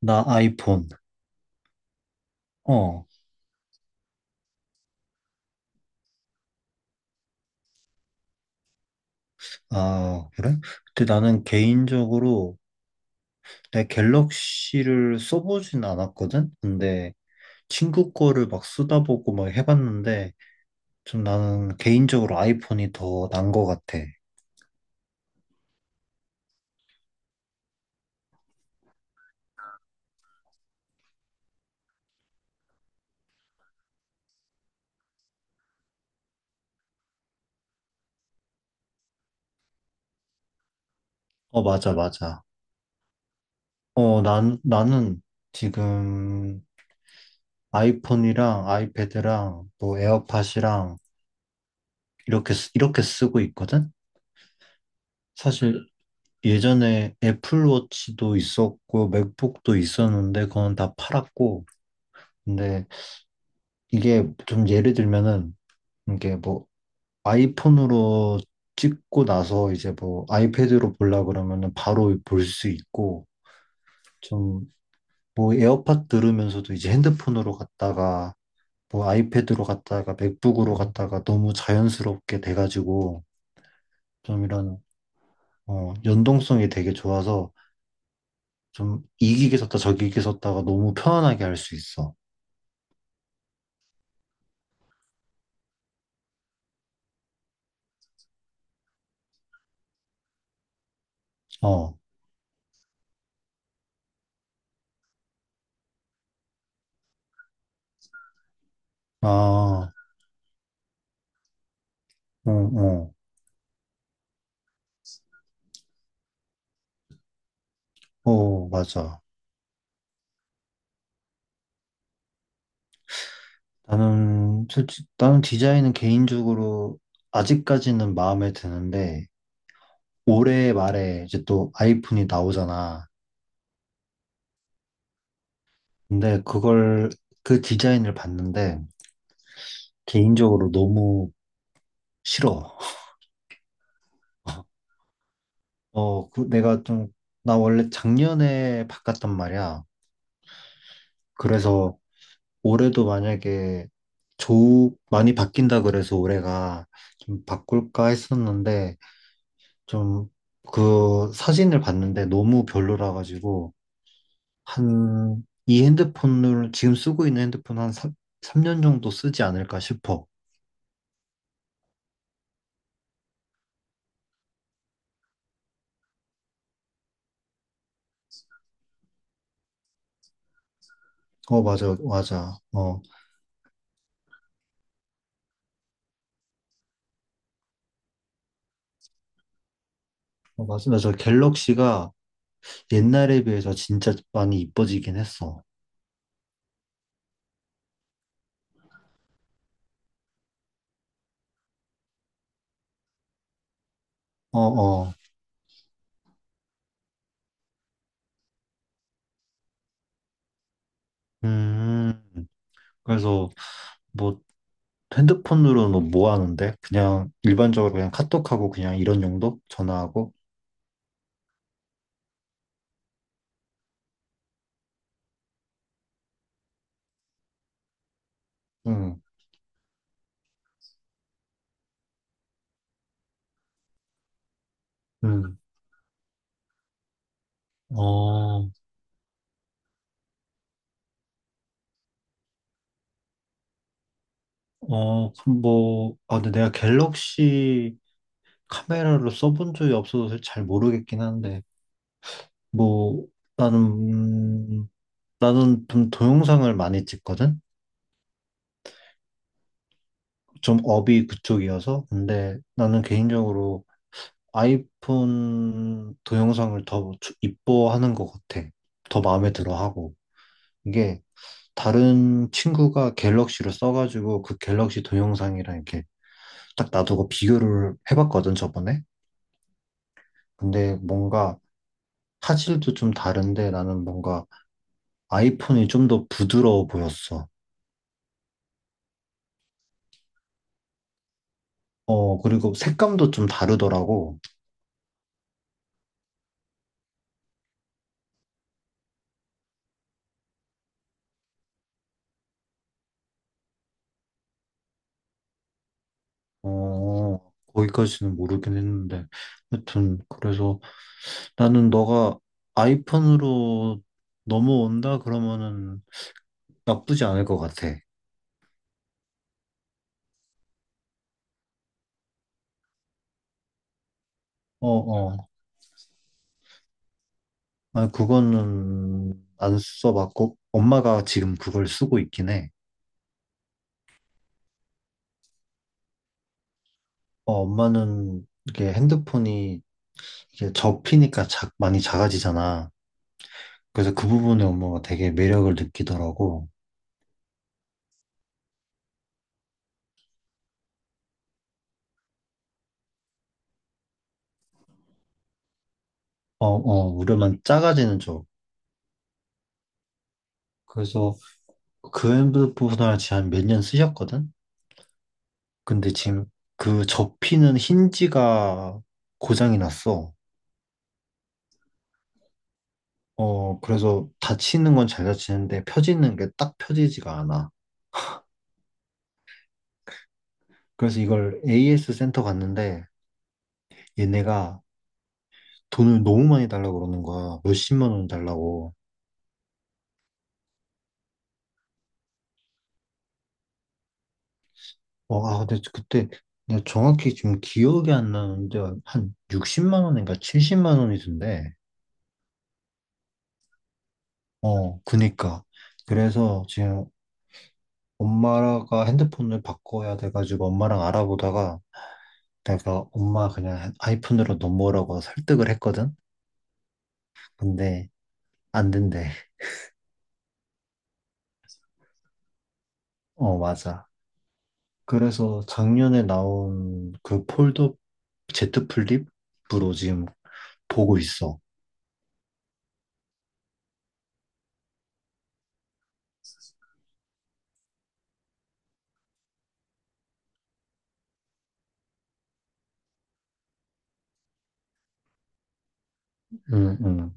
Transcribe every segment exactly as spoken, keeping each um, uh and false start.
나 아이폰. 어. 아, 그래? 근데 나는 개인적으로 내 갤럭시를 써보진 않았거든? 근데 친구 거를 막 쓰다 보고 막 해봤는데 좀 나는 개인적으로 아이폰이 더 난 것 같아. 어, 맞아, 맞아. 어, 난, 나는 지금 아이폰이랑 아이패드랑 또 에어팟이랑 이렇게, 쓰- 이렇게 쓰고 있거든? 사실 예전에 애플워치도 있었고 맥북도 있었는데 그건 다 팔았고. 근데 이게 좀 예를 들면은 이게 뭐 아이폰으로 찍고 나서 이제 뭐 아이패드로 보려 그러면은 바로 볼 수 있고, 좀 뭐 에어팟 들으면서도 이제 핸드폰으로 갔다가 뭐 아이패드로 갔다가 맥북으로 갔다가 너무 자연스럽게 돼가지고, 좀 이런 어 연동성이 되게 좋아서 좀 이기게 섰다 저기게 섰다가 너무 편안하게 할 수 있어. 어, 아, 어, 어, 어, 맞아. 나는 솔직히 나는 디자인은 개인적으로 아직까지는 마음에 드는데 올해 말에 이제 또 아이폰이 나오잖아. 근데 그걸 그 디자인을 봤는데 개인적으로 너무 싫어. 어, 그 내가 좀 나 원래 작년에 바꿨단 말이야. 그래서 올해도 만약에 조 많이 바뀐다 그래서 올해가 좀 바꿀까 했었는데 좀 그 사진을 봤는데 너무 별로라 가지고 한 이 핸드폰을 지금 쓰고 있는 핸드폰 한 삼, 삼년 정도 쓰지 않을까 싶어. 어 맞아 맞아 어, 어 맞아 맞아 갤럭시가 옛날에 비해서 진짜 많이 이뻐지긴 했어. 어 어. 음, 그래서 뭐 핸드폰으로는 뭐뭐 하는데? 그냥 일반적으로 그냥 카톡하고 그냥 이런 용도? 전화하고? 응, 응. 어, 어, 그럼 뭐, 아, 근데 내가 갤럭시 카메라를 써본 적이 없어서 잘 모르겠긴 한데, 뭐, 나는, 음, 나는 좀 동영상을 많이 찍거든? 좀 업이 그쪽이어서. 근데 나는 개인적으로 아이폰 동영상을 더 주- 이뻐하는 것 같아. 더 마음에 들어 하고. 이게, 다른 친구가 갤럭시로 써가지고 그 갤럭시 동영상이랑 이렇게 딱 놔두고 비교를 해봤거든, 저번에. 근데 뭔가 화질도 좀 다른데 나는 뭔가 아이폰이 좀 더 부드러워 보였어. 어, 그리고 색감도 좀 다르더라고. 어, 거기까지는 모르긴 했는데. 하여튼, 그래서 나는 너가 아이폰으로 넘어온다 그러면은 나쁘지 않을 것 같아. 어, 어. 아, 그거는 안 써봤고, 엄마가 지금 그걸 쓰고 있긴 해. 어, 엄마는 이게 핸드폰이 이게 접히니까 작, 많이 작아지잖아. 그래서 그 부분에 엄마가 되게 매력을 느끼더라고. 어, 어, 우려만 작아지는 쪽. 그래서 그 핸드폰을 지금 한 몇 년 쓰셨거든? 근데 지금 그 접히는 힌지가 고장이 났어. 어, 그래서 닫히는 건 잘 닫히는데 펴지는 게 딱 펴지지가 않아. 그래서 이걸 에이에스 센터 갔는데 얘네가 돈을 너무 많이 달라고 그러는 거야. 몇십만 원 달라고. 어, 아, 근데 그때 내가 정확히 지금 기억이 안 나는데 한 육십만 원인가 칠십만 원이던데. 어, 그니까. 그래서 지금 엄마가 핸드폰을 바꿔야 돼가지고 엄마랑 알아보다가 내가 엄마 그냥 아이폰으로 넘어오라고 설득을 했거든. 근데 안 된대. 어, 맞아. 그래서 작년에 나온 그 폴더 제트 플립으로 지금 보고 있어. 응, 응.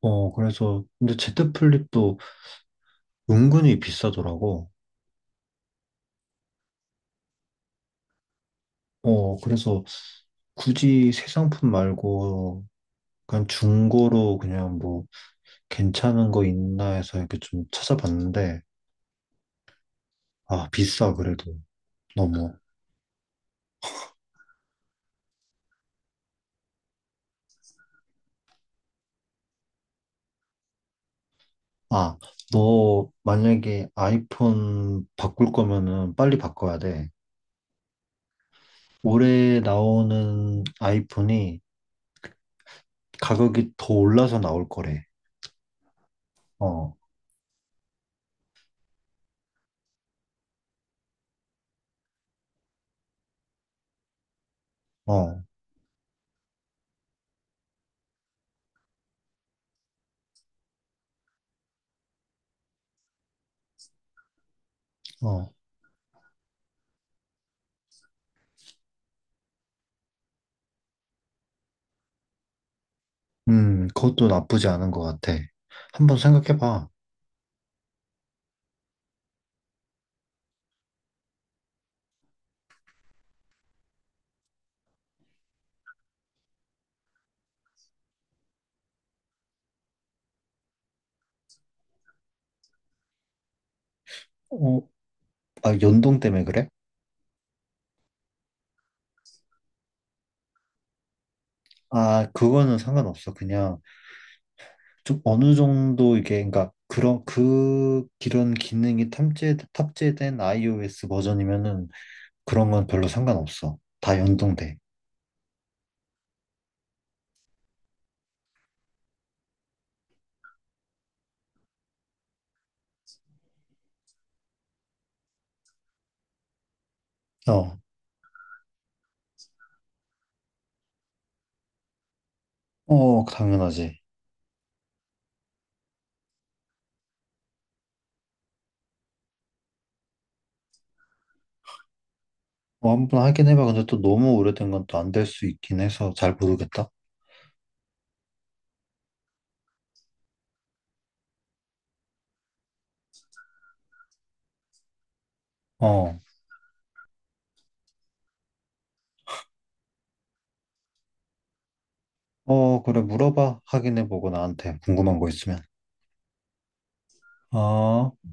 어, 그래서, 근데 제트 플립도 은근히 비싸더라고. 어, 그래서 굳이 새 상품 말고 그냥 중고로 그냥 뭐 괜찮은 거 있나 해서 이렇게 좀 찾아봤는데, 아, 비싸, 그래도. 너무. 아, 너 만약에 아이폰 바꿀 거면은 빨리 바꿔야 돼. 올해 나오는 아이폰이 가격이 더 올라서 나올 거래. 어, 어, 어. 음, 그것도 나쁘지 않은 것 같아. 한번 생각해봐. 어, 아, 연동 때문에 그래? 아, 그거는 상관없어. 그냥 좀 어느 정도 이게, 그러니까 그런 그 이런 기능이 탑재 탑재된 아이오에스 버전이면은 그런 건 별로 상관없어. 다 연동돼. 어, 어, 당연하지. 어, 한번 확인해봐. 근데 또 너무 오래된 건 또 안 될 수 있긴 해서 잘 모르겠다. 어, 어, 그래, 물어봐. 확인해보고 나한테 궁금한 거 있으면. 어.